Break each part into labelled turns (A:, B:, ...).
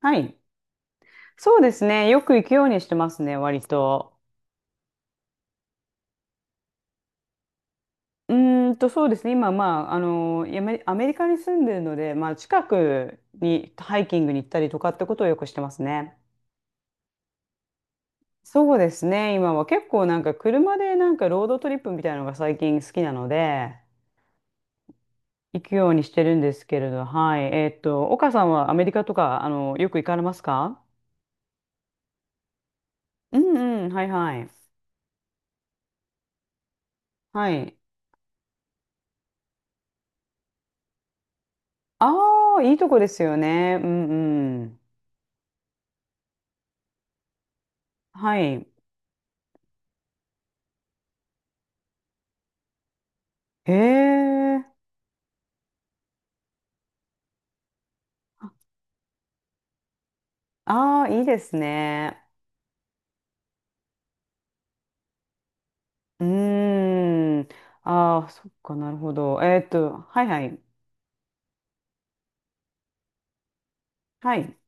A: はい。そうですね。よく行くようにしてますね、割と。そうですね。今、アメリカに住んでるので、近くにハイキングに行ったりとかってことをよくしてますね。そうですね。今は結構なんか車でなんかロードトリップみたいなのが最近好きなので、行くようにしてるんですけれど、はい。岡さんはアメリカとか、よく行かれますか？うんうん、はいはい。はい。ああ、いいとこですよね。うんうん。はい。へえ。ああ、いいですね。うーん。ああ、そっか、なるほど。はいはい。はい。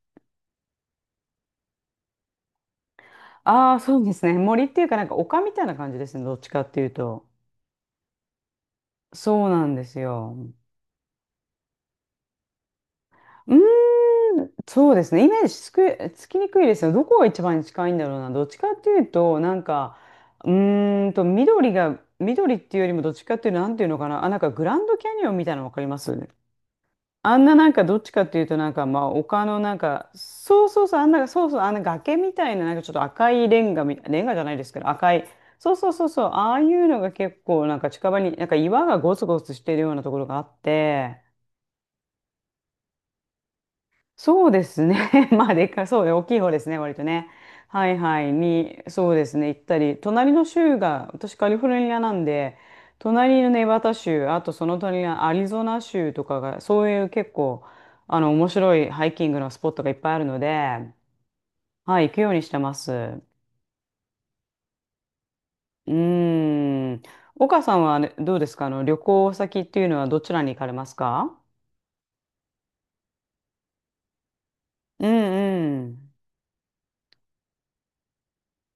A: ああ、そうですね。森っていうか、なんか丘みたいな感じですね。どっちかっていうと。そうなんですよ。うーん、そうですね。イメージつきにくいですよ。どこが一番近いんだろうな。どっちかっていうと、なんか、緑っていうよりもどっちかっていうと、なんていうのかな。あ、なんかグランドキャニオンみたいなのわかります？あんななんかどっちかっていうとなんかまあ丘のなんかそうそうそうあんなそうそうあんな崖みたいななんかちょっと赤いレンガじゃないですけど赤いそうそうそうそうああいうのが結構なんか近場になんか岩がゴツゴツしてるようなところがあって、そうですね。まあ、でかそうね、大きい方ですね、割とね。はいはい、そうですね、行ったり、隣の州が、私カリフォルニアなんで、隣のネバダ州、あとその隣のアリゾナ州とかが、そういう結構、面白いハイキングのスポットがいっぱいあるので、はい、行くようにしてます。うーん。岡さんはあれどうですか？旅行先っていうのはどちらに行かれますか？うんうん。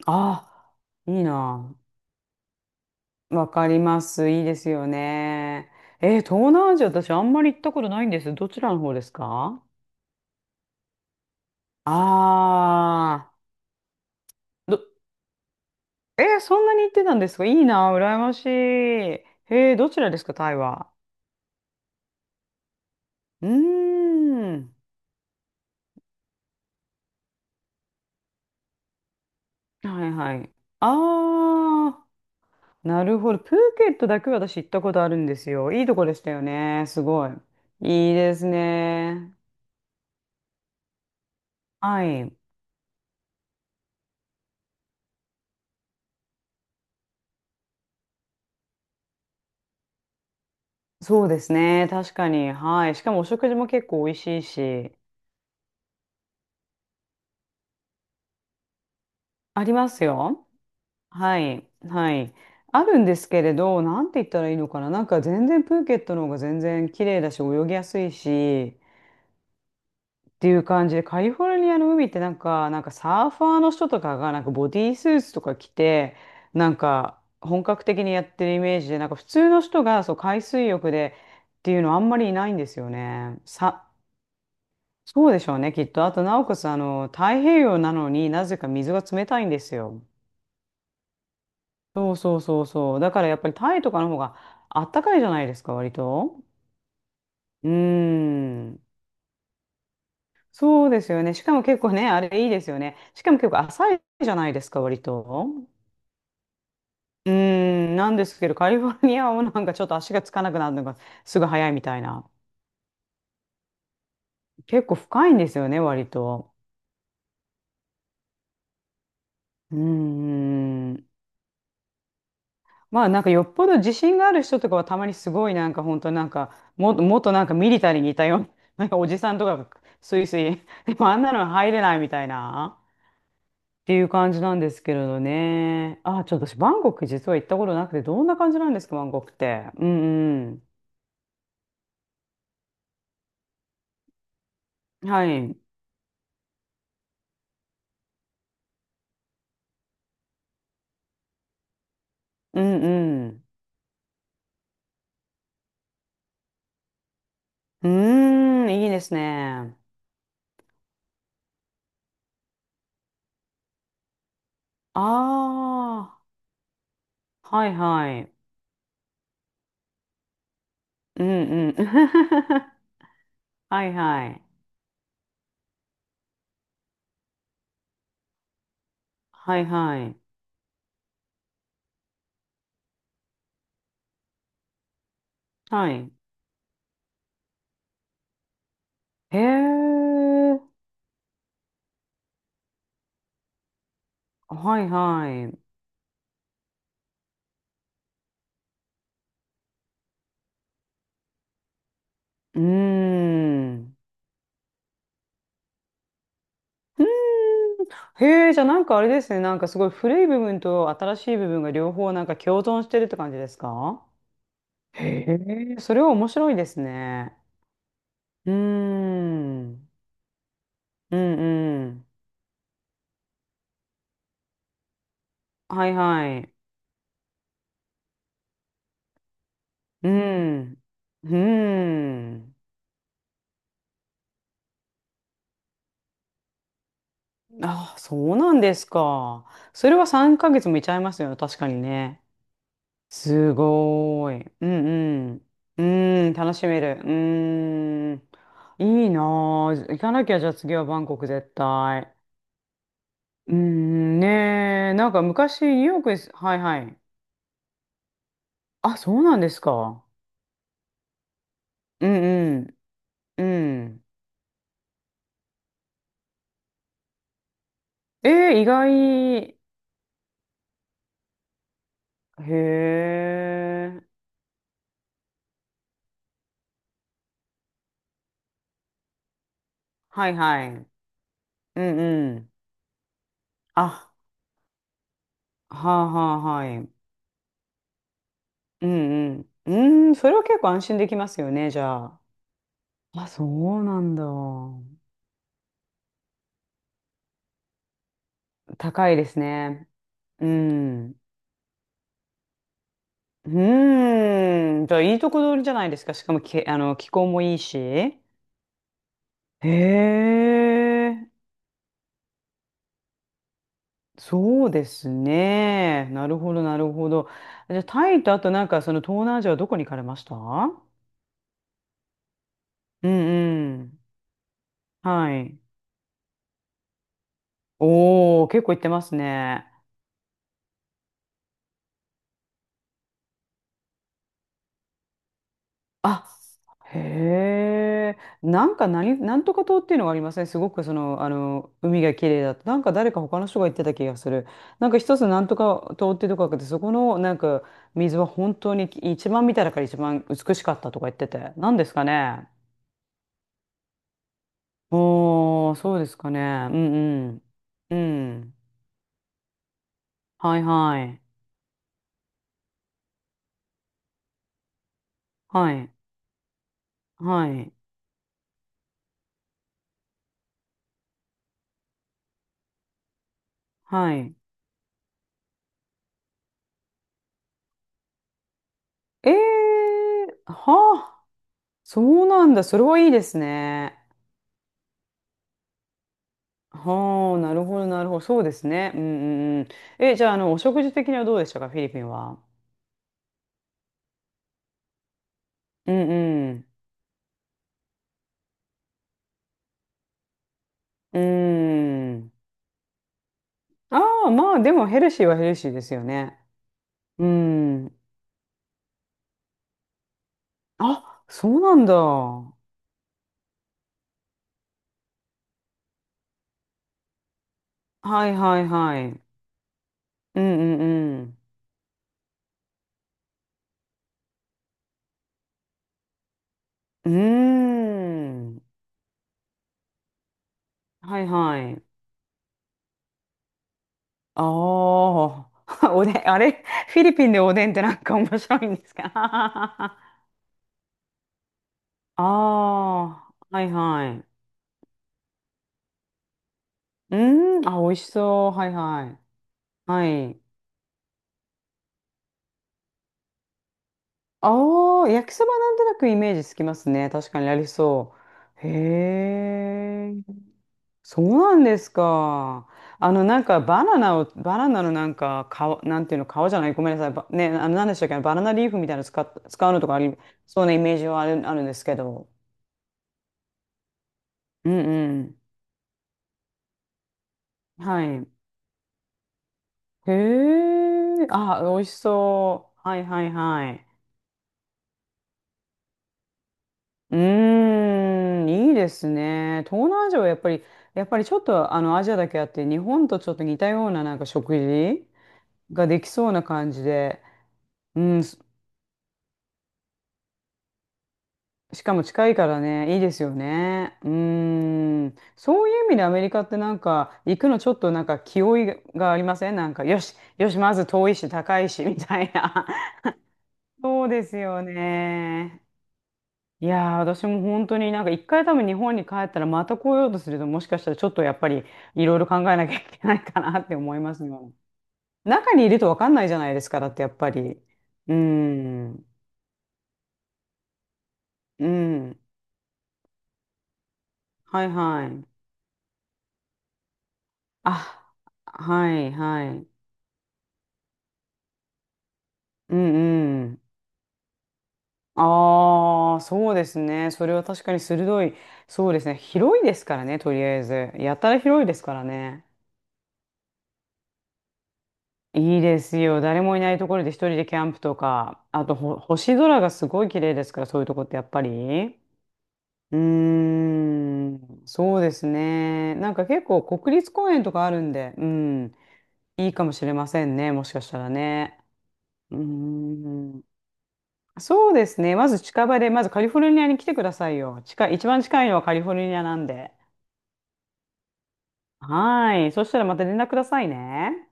A: あ、いいな。わかります。いいですよね。東南アジア、私あんまり行ったことないんです。どちらの方ですか？あー、えー、そんなに行ってたんですか？いいな、羨ましい。えー、どちらですか、タイは。うーん。はいはい。あー、なるほど。プーケットだけは私行ったことあるんですよ。いいとこでしたよね。すごい。いいですね。はい。そうですね。確かに。はい。しかもお食事も結構美味しいし。ありますよ。はい。はい。あるんですけれど、なんて言ったらいいのかな。なんか全然プーケットの方が全然綺麗だし、泳ぎやすいし、っていう感じで、カリフォルニアの海ってなんか、なんかサーファーの人とかがなんかボディースーツとか着て、なんか本格的にやってるイメージで、なんか普通の人がそう海水浴でっていうのあんまりいないんですよね。そうでしょうね、きっと。あと、なおかつ、太平洋なのになぜか水が冷たいんですよ。そうそうそうそう。だからやっぱりタイとかの方があったかいじゃないですか、割と。うーん。そうですよね。しかも結構ね、あれいいですよね。しかも結構浅いじゃないですか、割と。うーん。なんですけど、カリフォルニアはなんかちょっと足がつかなくなるのがすぐ早いみたいな。結構深いんですよね、割と。うーん。まあなんかよっぽど自信がある人とかはたまにすごいなんか本当なんかもっとなんかミリタリーにいたような、なんかおじさんとかがスイスイ、でもあんなの入れないみたいなっていう感じなんですけれどね。あ、ちょっと私バンコク実は行ったことなくて、どんな感じなんですか、バンコクって。うんうん。はい。うんうん。うーん、いいですね。ああ、はいはい。うんうん。はいはい。はいはい。はい。へえ。はいはい。うーん。うーん。へえ、じゃあなんかあれですね。なんかすごい古い部分と新しい部分が両方なんか共存してるって感じですか？へえ、それは面白いですね。うーん。うんうん。はいはい。うん。うーん。あ、そうなんですか。それは3ヶ月もいちゃいますよね。確かにね。すごーい。うんうん。うん、楽しめる。うん。いいなぁ。行かなきゃ、じゃあ次はバンコク絶対。うん、ねえ。なんか昔、ニューヨークです。はいはい。あ、そうなんですか。うんうん。うん。えー、意外。へえ。はいはい。うんうん。あ、はあはあはい。うんうん。うん、それは結構安心できますよね、じゃあ。あ、そうなんだ。高いですね。うん。うーん。じゃあ、いいとこ取りじゃないですか。しかもけ、あの、気候もいいし。へえ。そうですね。なるほど、なるほど。じゃあ、タイと、あとなんか、その東南アジアはどこに行かれました？うんうん。はい。おー、結構行ってますね。あ、へえ、なんかなんとか島っていうのがありません？すごくその、海が綺麗だと。なんか誰か他の人が言ってた気がする。なんか一つなんとか島っていうとこがあって、そこのなんか水は本当に一番見た中から一番美しかったとか言ってて。なんですかね。おー、そうですかね。うんうん。うん。はいはい。はい。はい。はい。えー、はあ、そうなんだ。それはいいですね。はあ、なるほど、なるほど。そうですね。うんうんうん。え、じゃあ、お食事的にはどうでしたか、フィリピンは。うんうん。うん。ああ、まあ、でもヘルシーはヘルシーですよね。うん。あ、そうなんだ。はいはいはい。うんうんうん。うーん。はいはい。ああ、おでん、あれフィリピンでおでんってなんか面白いんですか？ ああ、はいはい。うーん、あ、美味しそう。はいはい。はい。ああ、焼きそばなんとなくイメージつきますね。確かにありそう。へえ、そうなんですか。なんかバナナのなんか、皮、なんていうの、皮じゃない、ごめんなさい。ばね、あの、なんでしたっけ、バナナリーフみたいなの使うのとかあり、そうなイメージはあるんですけど。うんうん。はい。へえ、あ、美味しそう。はいはいはい。うーん、いいですね。東南アジアはやっぱり、ちょっとあのアジアだけあって、日本とちょっと似たようななんか食事ができそうな感じで、うん、しかも近いからね、いいですよね。うーん、そういう意味でアメリカってなんか行くのちょっとなんか気負いがありません？なんか、よし、よし、まず遠いし高いしみたいな。そうですよね。いやー、私も本当になんか一回多分日本に帰ったらまた来ようとするともしかしたらちょっとやっぱりいろいろ考えなきゃいけないかなって思いますよ。中にいると分かんないじゃないですか、だってやっぱり。うん。うん。はいはい。あ、はいはい。うんうん。ああ、そうですね。それは確かに鋭い。そうですね。広いですからね、とりあえず。やたら広いですからね。いいですよ。誰もいないところで一人でキャンプとか、あと星空がすごい綺麗ですから、そういうとこってやっぱり。うーん、そうですね。なんか結構国立公園とかあるんで、うん、いいかもしれませんね、もしかしたらね。うーん、そうですね。まず近場で、まずカリフォルニアに来てくださいよ。一番近いのはカリフォルニアなんで。はい。そしたらまた連絡くださいね。